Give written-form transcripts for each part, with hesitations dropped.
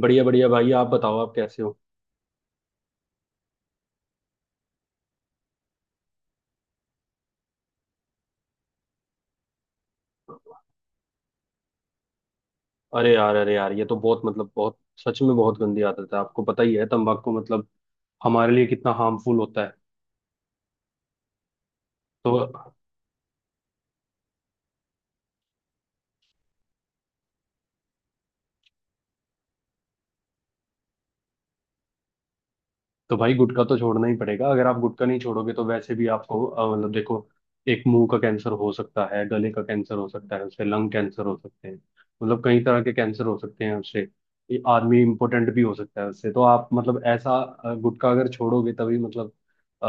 बढ़िया बढ़िया भाई, आप बताओ, आप कैसे हो। अरे यार, अरे यार, ये तो बहुत बहुत सच में बहुत गंदी आदत है। आपको पता ही है तंबाकू हमारे लिए कितना हार्मफुल होता है। तो तो भाई गुटखा तो छोड़ना ही पड़ेगा। अगर आप गुटखा नहीं छोड़ोगे तो वैसे भी आपको देखो, एक मुंह का कैंसर हो सकता है, गले का कैंसर हो सकता है, उससे लंग कैंसर हो सकते हैं। कई तरह के कैंसर हो सकते हैं उससे। ये आदमी इम्पोर्टेंट भी हो सकता है उससे। तो आप ऐसा गुटखा अगर छोड़ोगे तभी अ,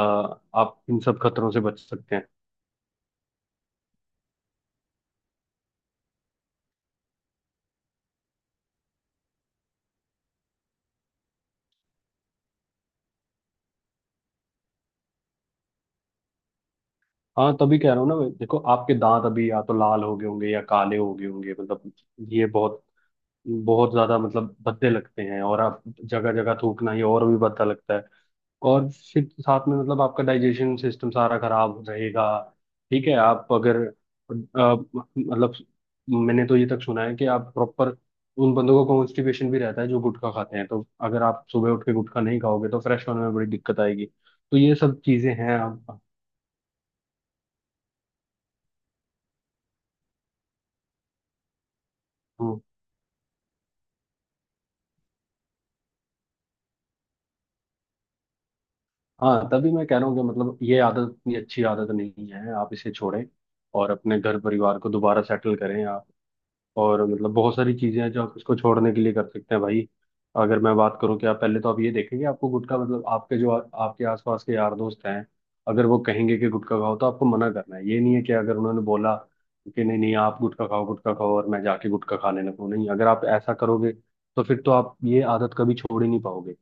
आप इन सब खतरों से बच सकते हैं। हाँ, तभी कह रहा हूँ ना मैं, देखो आपके दांत अभी या तो लाल हो गए होंगे या काले हो गए होंगे। मतलब ये बहुत बहुत ज्यादा भद्दे लगते हैं, और आप जगह जगह थूकना ये और भी भद्दा लगता है। और फिर साथ में आपका डाइजेशन सिस्टम सारा खराब रहेगा। ठीक है, आप अगर मैंने तो ये तक सुना है कि आप प्रॉपर उन बंदों को कॉन्स्टिपेशन भी रहता है जो गुटखा खाते हैं। तो अगर आप सुबह उठ के गुटखा नहीं खाओगे तो फ्रेश होने में बड़ी दिक्कत आएगी। तो ये सब चीजें हैं। हाँ, तभी मैं कह रहा हूँ कि ये आदत इतनी अच्छी आदत नहीं है, आप इसे छोड़ें और अपने घर परिवार को दोबारा सेटल करें आप। और बहुत सारी चीजें हैं जो आप इसको छोड़ने के लिए कर सकते हैं भाई। अगर मैं बात करूँ कि आप, पहले तो आप ये देखें कि आपको गुटखा आपके जो आपके आसपास के यार दोस्त हैं, अगर वो कहेंगे कि गुटखा खाओ तो आपको मना करना है। ये नहीं है कि अगर उन्होंने बोला कि नहीं नहीं आप गुटखा खाओ और मैं जाके गुटखा खाने लगूँ। नहीं, अगर आप ऐसा करोगे तो फिर तो आप ये आदत कभी छोड़ ही नहीं पाओगे।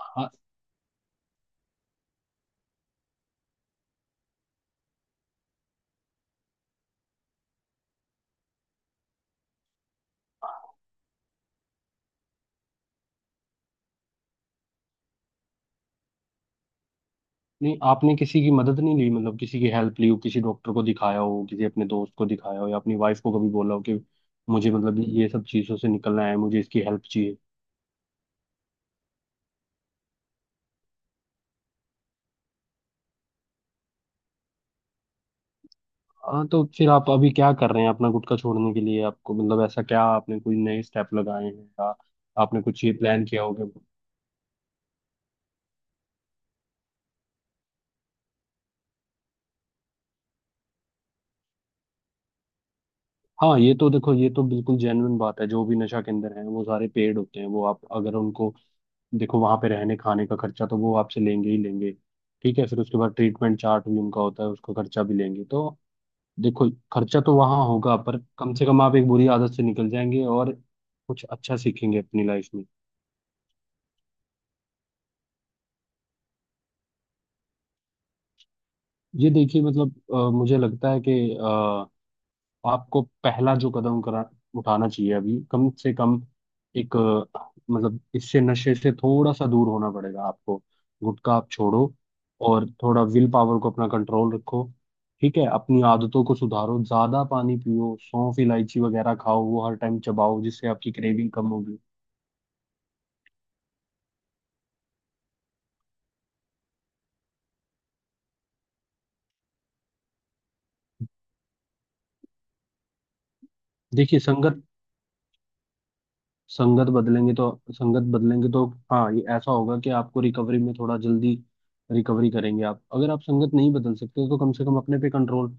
हाँ। नहीं, आपने किसी की मदद नहीं ली? किसी की हेल्प ली हो, किसी डॉक्टर को दिखाया हो, किसी अपने दोस्त को दिखाया हो, या अपनी वाइफ को कभी बोला हो कि मुझे ये सब चीज़ों से निकलना है, मुझे इसकी हेल्प चाहिए। हाँ, तो फिर आप अभी क्या कर रहे हैं अपना गुटखा छोड़ने के लिए? आपको ऐसा क्या, आपने कोई नए स्टेप लगाए हैं या आपने कुछ ये प्लान किया होगा। हाँ, ये तो देखो ये तो बिल्कुल जेन्युइन बात है। जो भी नशा केंद्र है वो सारे पेड होते हैं। वो आप अगर उनको, देखो वहां पे रहने खाने का खर्चा तो वो आपसे लेंगे ही लेंगे। ठीक है, फिर उसके बाद ट्रीटमेंट चार्ट भी उनका होता है, उसका खर्चा भी लेंगे। तो देखो खर्चा तो वहां होगा, पर कम से कम आप एक बुरी आदत से निकल जाएंगे और कुछ अच्छा सीखेंगे अपनी लाइफ में। ये देखिए, मुझे लगता है कि आपको पहला जो कदम करा उठाना चाहिए अभी, कम से कम एक इससे नशे से थोड़ा सा दूर होना पड़ेगा आपको। गुटखा आप छोड़ो और थोड़ा विल पावर को अपना कंट्रोल रखो। ठीक है, अपनी आदतों को सुधारो, ज्यादा पानी पियो, सौंफ इलायची वगैरह खाओ, वो हर टाइम चबाओ जिससे आपकी क्रेविंग कम होगी। देखिए, संगत संगत बदलेंगे तो हाँ ये ऐसा होगा कि आपको रिकवरी में थोड़ा जल्दी रिकवरी करेंगे आप। अगर आप संगत नहीं बदल सकते तो कम से कम अपने पे कंट्रोल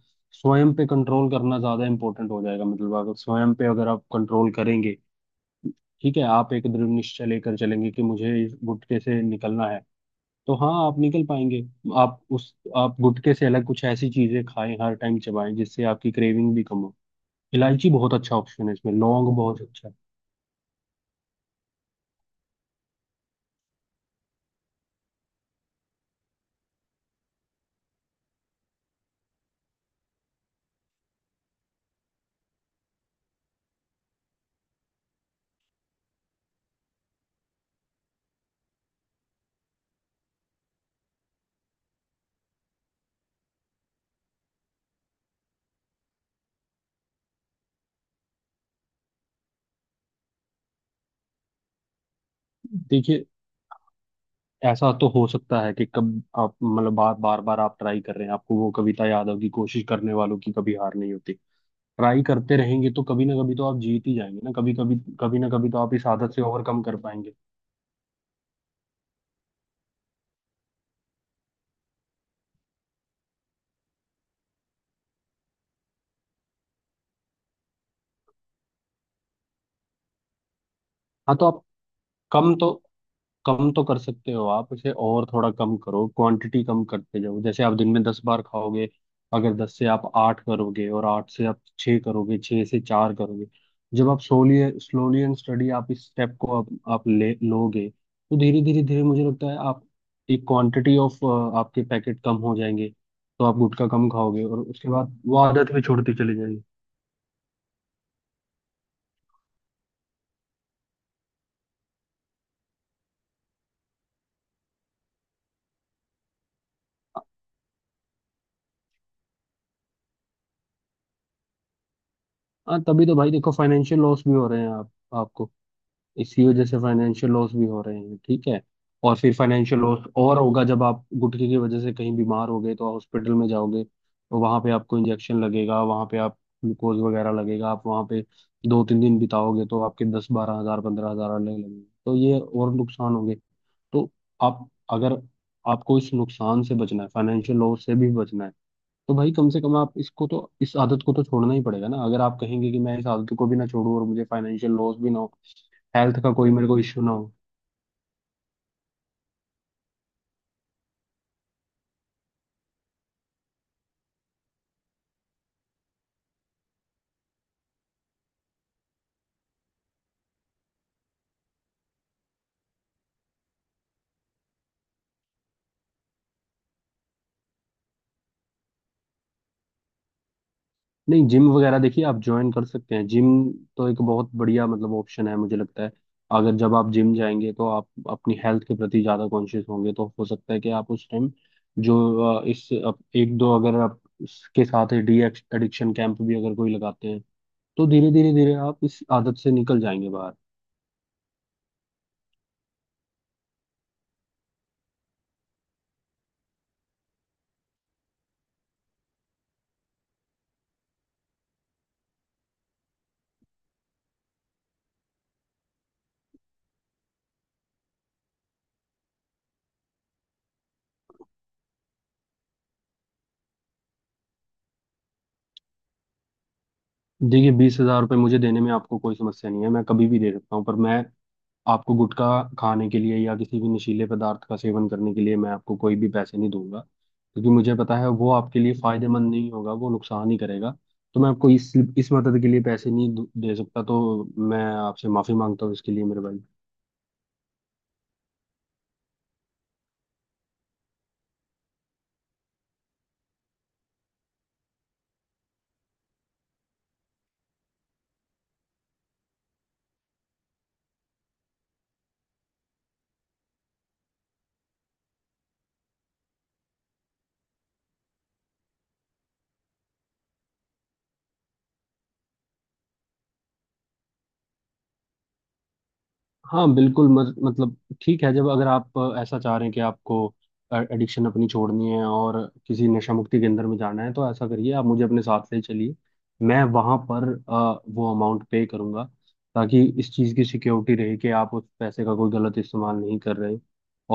स्वयं पे कंट्रोल करना ज्यादा इंपॉर्टेंट हो जाएगा। अगर स्वयं पे अगर आप कंट्रोल करेंगे, ठीक है, आप एक दृढ़ निश्चय लेकर चलेंगे कि मुझे इस गुटके से निकलना है, तो हाँ आप निकल पाएंगे। आप गुटके से अलग कुछ ऐसी चीजें खाएं, हर टाइम चबाएं जिससे आपकी क्रेविंग भी कम हो। इलायची बहुत अच्छा ऑप्शन है, इसमें लौंग बहुत अच्छा है। देखिए, ऐसा तो हो सकता है कि कब आप बार बार बार आप ट्राई कर रहे हैं। आपको वो कविता याद होगी, कोशिश करने वालों की कभी हार नहीं होती। ट्राई करते रहेंगे तो कभी ना कभी तो आप जीत ही जाएंगे ना। कभी कभी कभी ना कभी तो आप इस आदत से ओवरकम कर पाएंगे। हाँ, तो आप कम तो कम तो कर सकते हो आप इसे, और थोड़ा कम करो, क्वांटिटी कम करते जाओ। जैसे आप दिन में 10 बार खाओगे, अगर 10 से आप 8 करोगे, और 8 से आप 6 करोगे, 6 से 4 करोगे। जब आप सोली स्लोली एंड स्टडी आप इस स्टेप को आप ले लोगे तो धीरे धीरे धीरे मुझे लगता है आप एक क्वांटिटी ऑफ आपके पैकेट कम हो जाएंगे। तो आप गुटखा कम खाओगे और उसके बाद वो आदत भी छोड़ती चली जाएगी। हाँ, तभी तो भाई देखो फाइनेंशियल लॉस भी हो रहे हैं। आप आपको इसी वजह से फाइनेंशियल लॉस भी हो रहे हैं, ठीक है। और फिर फाइनेंशियल लॉस और होगा जब आप गुटखे की वजह से कहीं बीमार हो गए तो हॉस्पिटल में जाओगे, तो वहां पे आपको इंजेक्शन लगेगा, वहां पे आप ग्लूकोज वगैरह लगेगा। आप वहां पे 2-3 दिन बिताओगे तो आपके 10-12 हज़ार, 15 हज़ार अलग लगेंगे। तो ये और नुकसान होंगे। तो आप अगर, आपको इस नुकसान से बचना है, फाइनेंशियल लॉस से भी बचना है, तो भाई कम से कम आप इसको तो, इस आदत को तो छोड़ना ही पड़ेगा ना। अगर आप कहेंगे कि मैं इस आदत को भी ना छोड़ूं और मुझे फाइनेंशियल लॉस भी ना हो, हेल्थ का कोई मेरे को इश्यू ना हो। नहीं, जिम वगैरह देखिए आप ज्वाइन कर सकते हैं। जिम तो एक बहुत बढ़िया ऑप्शन है मुझे लगता है। अगर जब आप जिम जाएंगे तो आप अपनी हेल्थ के प्रति ज़्यादा कॉन्शियस होंगे, तो हो सकता है कि आप उस टाइम जो एक दो, अगर आप इसके साथ डी एडिक्शन कैंप भी अगर कोई लगाते हैं तो धीरे धीरे धीरे आप इस आदत से निकल जाएंगे बाहर। देखिए, 20,000 रुपये मुझे देने में आपको कोई समस्या नहीं है, मैं कभी भी दे सकता हूँ। पर मैं आपको गुटखा खाने के लिए या किसी भी नशीले पदार्थ का सेवन करने के लिए मैं आपको कोई भी पैसे नहीं दूंगा, क्योंकि मुझे पता है वो आपके लिए फायदेमंद नहीं होगा, वो नुकसान ही करेगा। तो मैं आपको इस मदद के लिए पैसे नहीं दू- दे सकता, तो मैं आपसे माफी मांगता हूँ इसके लिए मेरे भाई। हाँ बिल्कुल, मत, मतलब ठीक है, जब अगर आप ऐसा चाह रहे हैं कि आपको एडिक्शन अपनी छोड़नी है और किसी नशा मुक्ति केंद्र में जाना है, तो ऐसा करिए, आप मुझे अपने साथ ले चलिए। मैं वहाँ पर वो अमाउंट पे करूँगा, ताकि इस चीज़ की सिक्योरिटी रहे कि आप उस पैसे का कोई गलत इस्तेमाल नहीं कर रहे।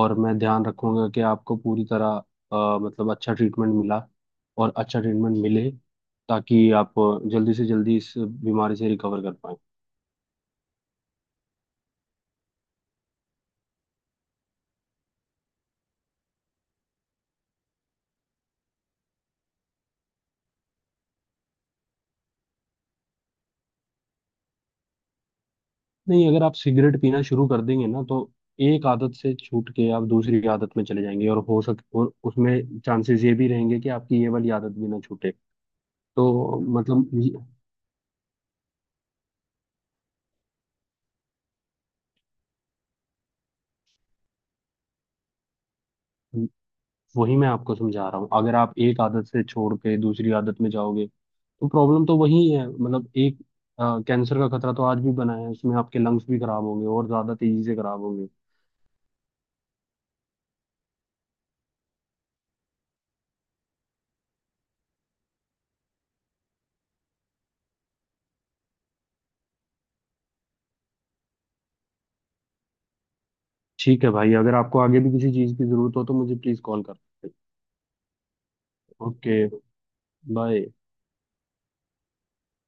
और मैं ध्यान रखूँगा कि आपको पूरी तरह अ, मतलब अच्छा ट्रीटमेंट मिला अच्छा ट्रीटमेंट मिले, ताकि आप जल्दी से जल्दी इस बीमारी से रिकवर कर पाएँ। नहीं, अगर आप सिगरेट पीना शुरू कर देंगे ना तो एक आदत से छूट के आप दूसरी आदत में चले जाएंगे, और हो सक और उसमें चांसेस ये भी रहेंगे कि आपकी ये वाली आदत भी ना छूटे। तो मतलब ये- वही मैं आपको समझा रहा हूँ। अगर आप एक आदत से छोड़ के दूसरी आदत में जाओगे तो प्रॉब्लम तो वही है। एक कैंसर का खतरा तो आज भी बना है, उसमें आपके लंग्स भी खराब होंगे और ज्यादा तेजी से खराब होंगे। ठीक है भाई, अगर आपको आगे भी किसी चीज की जरूरत हो तो मुझे प्लीज कॉल कर। Okay, bye.